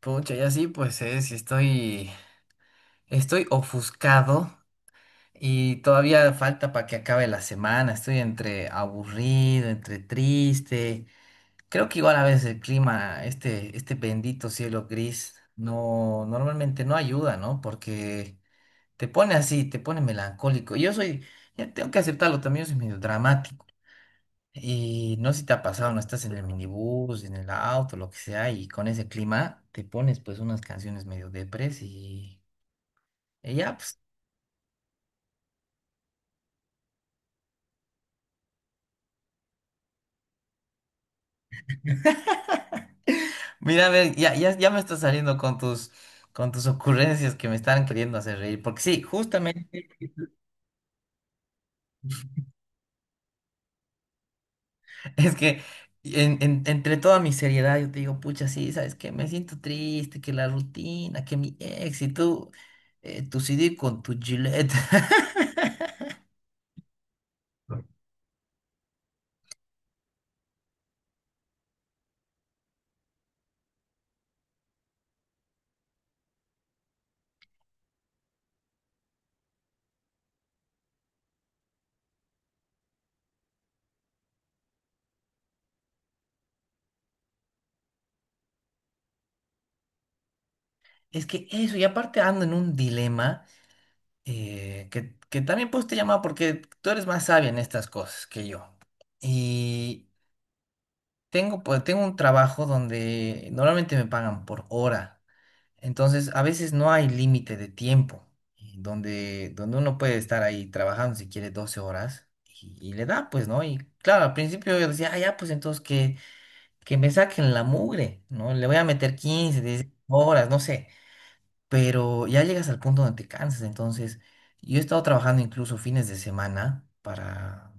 Pucha, ya sí, pues estoy ofuscado y todavía falta para que acabe la semana. Estoy entre aburrido, entre triste. Creo que igual a veces el clima, este bendito cielo gris, no, normalmente no ayuda, ¿no? Porque te pone así, te pone melancólico. Yo soy, ya tengo que aceptarlo, también yo soy medio dramático. Y no sé si te ha pasado, no estás en el minibús, en el auto, lo que sea, y con ese clima te pones pues unas canciones medio depres y ya, pues, mira, a ver, ya, ya, ya me estás saliendo con con tus ocurrencias que me están queriendo hacer reír, porque sí, justamente. Es que entre toda mi seriedad yo te digo, pucha, sí, ¿sabes qué? Me siento triste, que la rutina, que mi ex y tú, tu CD con tu Gillette. Es que eso, y aparte ando en un dilema. Que también pues te llamaba porque tú eres más sabia en estas cosas que yo. Y tengo, pues, tengo un trabajo donde normalmente me pagan por hora, entonces a veces no hay límite de tiempo, y donde uno puede estar ahí trabajando si quiere 12 horas y le da, pues, ¿no? Y claro, al principio yo decía, ah, ya, pues entonces que me saquen la mugre, ¿no? Le voy a meter quince 10 horas, no sé. Pero ya llegas al punto donde te cansas. Entonces, yo he estado trabajando incluso fines de semana para,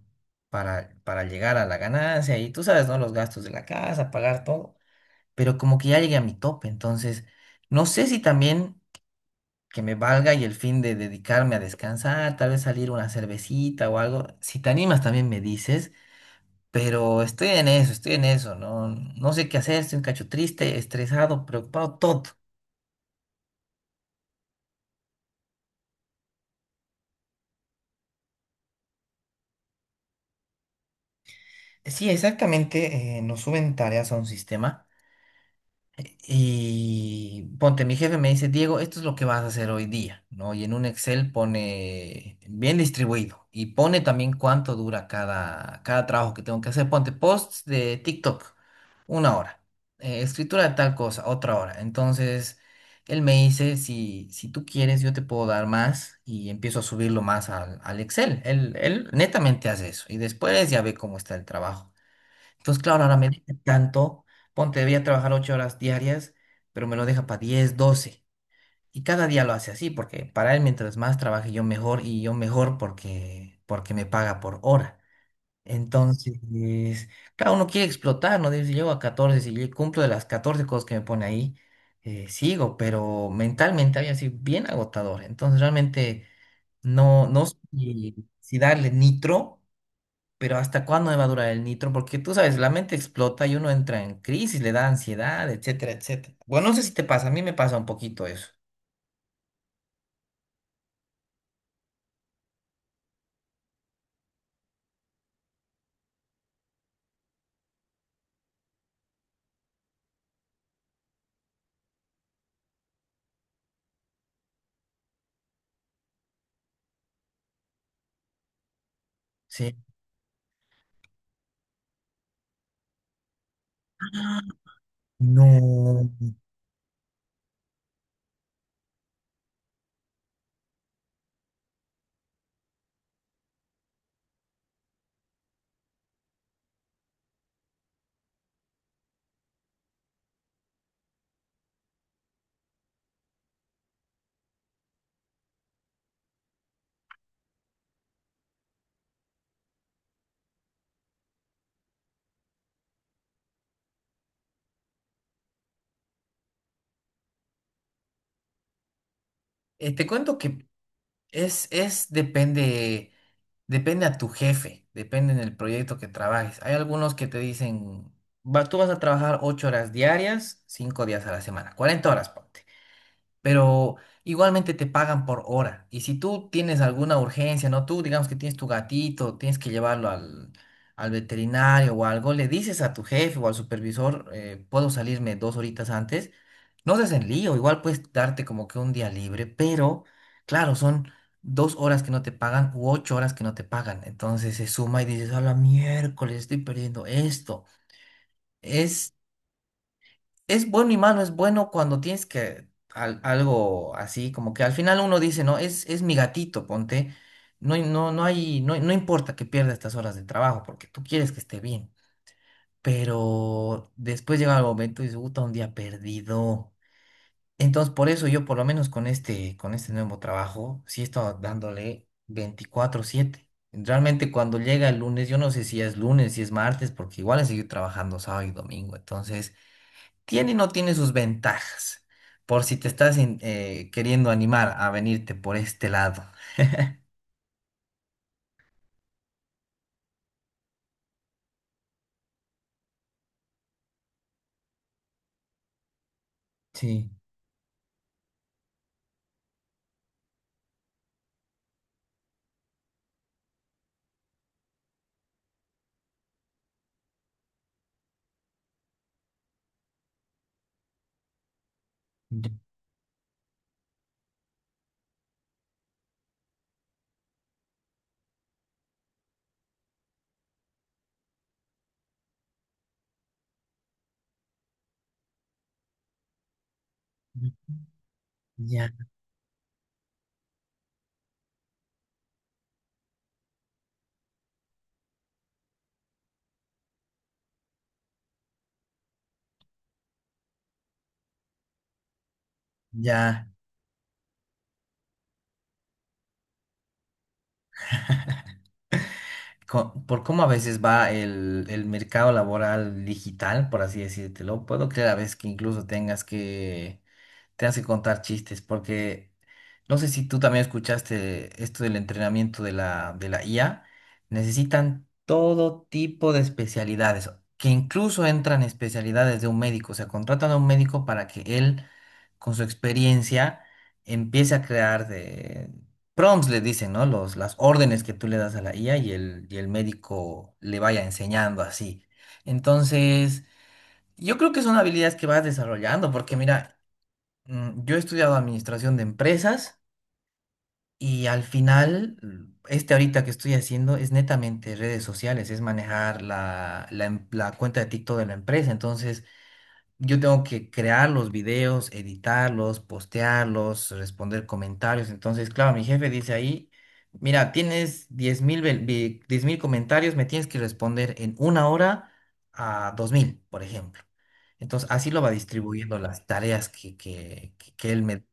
para, para llegar a la ganancia y tú sabes, ¿no? Los gastos de la casa, pagar todo, pero como que ya llegué a mi tope. Entonces, no sé si también que me valga y el fin de dedicarme a descansar, tal vez salir una cervecita o algo. Si te animas, también me dices. Pero estoy en eso, no, no sé qué hacer, estoy un cacho triste, estresado, preocupado, todo. Sí, exactamente, nos suben tareas a un sistema y ponte, mi jefe me dice, Diego, esto es lo que vas a hacer hoy día, ¿no? Y en un Excel pone bien distribuido y pone también cuánto dura cada trabajo que tengo que hacer. Ponte posts de TikTok, 1 hora, escritura de tal cosa, otra hora. Entonces, él me dice, si tú quieres, yo te puedo dar más y empiezo a subirlo más al Excel. Él netamente hace eso y después ya ve cómo está el trabajo. Entonces, claro, ahora me deja tanto, ponte, debía trabajar 8 horas diarias, pero me lo deja para 10, doce. Y cada día lo hace así, porque para él mientras más trabaje yo mejor y yo mejor porque me paga por hora. Entonces, claro, uno quiere explotar, ¿no? Dice, si llego a 14, si yo cumplo de las 14 cosas que me pone ahí, sigo, pero mentalmente había sido bien agotador. Entonces, realmente no, no sé si darle nitro. Pero ¿hasta cuándo me va a durar el nitro? Porque tú sabes, la mente explota y uno entra en crisis, le da ansiedad, etcétera, etcétera. Bueno, no sé si te pasa, a mí me pasa un poquito eso. Sí. No. Te cuento que es, es, depende, depende a tu jefe, depende en el proyecto que trabajes. Hay algunos que te dicen, va, tú vas a trabajar 8 horas diarias, 5 días a la semana, 40 horas, ponte. Pero igualmente te pagan por hora. Y si tú tienes alguna urgencia, ¿no? Tú digamos que tienes tu gatito, tienes que llevarlo al veterinario o algo, le dices a tu jefe o al supervisor, puedo salirme 2 horitas antes. No seas en lío, igual puedes darte como que un día libre, pero claro, son 2 horas que no te pagan u 8 horas que no te pagan. Entonces se suma y dices, a la miércoles, estoy perdiendo esto. es es bueno y malo, es bueno cuando tienes que algo así, como que al final uno dice, no, es mi gatito, ponte, no, no, no hay, no, no importa que pierda estas horas de trabajo porque tú quieres que esté bien, pero después llega el momento y dice, puta, un día perdido. Entonces, por eso yo, por lo menos con este nuevo trabajo, sí he estado dándole 24/7. Realmente cuando llega el lunes, yo no sé si es lunes, si es martes, porque igual he seguido trabajando sábado y domingo, entonces tiene y no tiene sus ventajas, por si te estás queriendo animar a venirte por este lado. Sí, ya, ya. Ya. Por cómo a veces va el mercado laboral digital, por así decírtelo, puedo creer a veces que incluso tengas que Te que contar chistes, porque no sé si tú también escuchaste esto del entrenamiento de la IA. Necesitan todo tipo de especialidades, que incluso entran especialidades de un médico. O sea, contratan a un médico para que él, con su experiencia, empiece a crear de prompts, le dicen, ¿no? Los, las órdenes que tú le das a la IA y el médico le vaya enseñando así. Entonces, yo creo que son habilidades que vas desarrollando, porque mira. Mm, yo he estudiado administración de empresas y al final, mm, este ahorita que estoy haciendo es netamente redes sociales, es manejar la cuenta de TikTok de la empresa. Entonces, yo tengo que crear los videos, editarlos, postearlos, responder comentarios. Entonces, claro, mi jefe dice ahí, mira, tienes 10.000 comentarios, me tienes que responder en 1 hora a 2.000 por ejemplo. Entonces, así lo va distribuyendo las tareas que él me...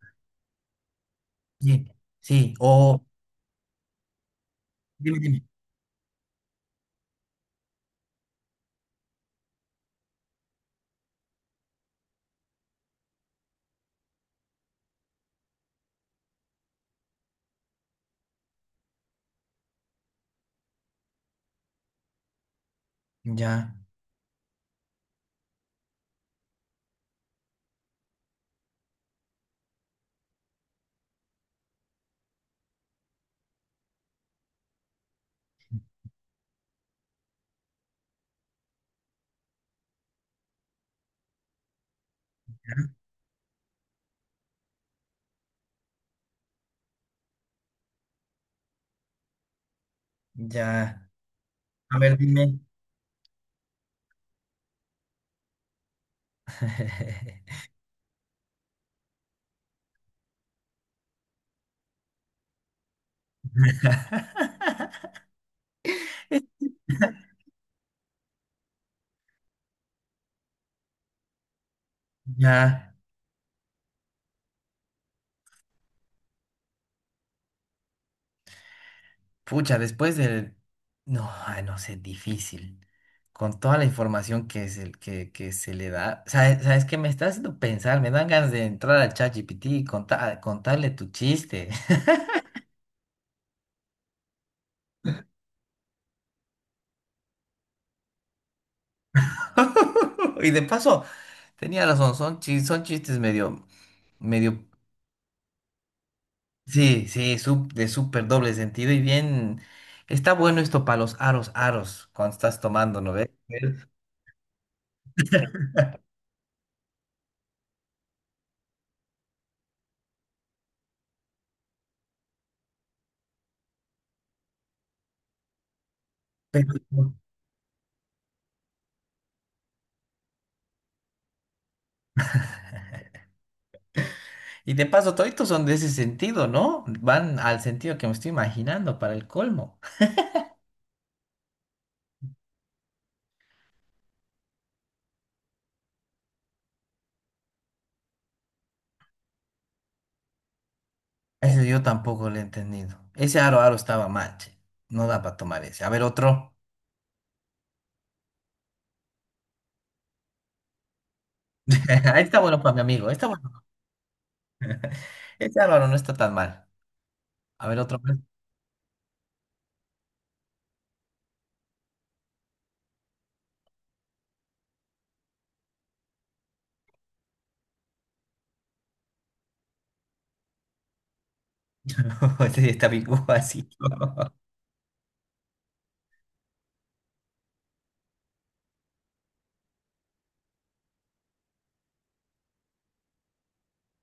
Sí, sí, o dime, dime. Ya, ya. A ver, dime. Ya, pucha, después del... No, ay, no sé, difícil. Con toda la información que, es el, que se le da. ¿Sabes qué me está haciendo pensar? Me dan ganas de entrar al ChatGPT y contarle tu chiste. Y de paso, tenía razón, son, son chistes medio, medio. Sí, sí, de súper doble sentido y bien. Está bueno esto para los aros, aros, cuando estás tomando, ¿no ves? Pero... Y de paso, toditos son de ese sentido, ¿no? Van al sentido que me estoy imaginando para el colmo. Eso yo tampoco lo he entendido. Ese aro, aro estaba mal, che. No da para tomar ese. A ver, otro. Ahí está bueno para mi amigo. Está bueno. Ese aro, aro no está tan mal. A ver, otro. Más. Ese sí, está bien así.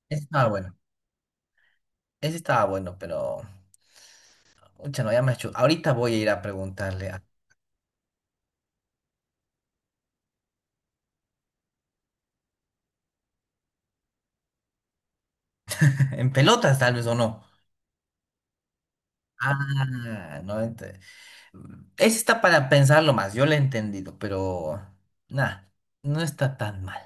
Ese estaba bueno. Ese estaba bueno, pero... Pucha, no, ya me ha hecho... Ahorita voy a ir a preguntarle. A... En pelotas, tal vez, o no. Ah, no. Ent-. Ese está para pensarlo más. Yo lo he entendido, pero... Nada, no está tan mal.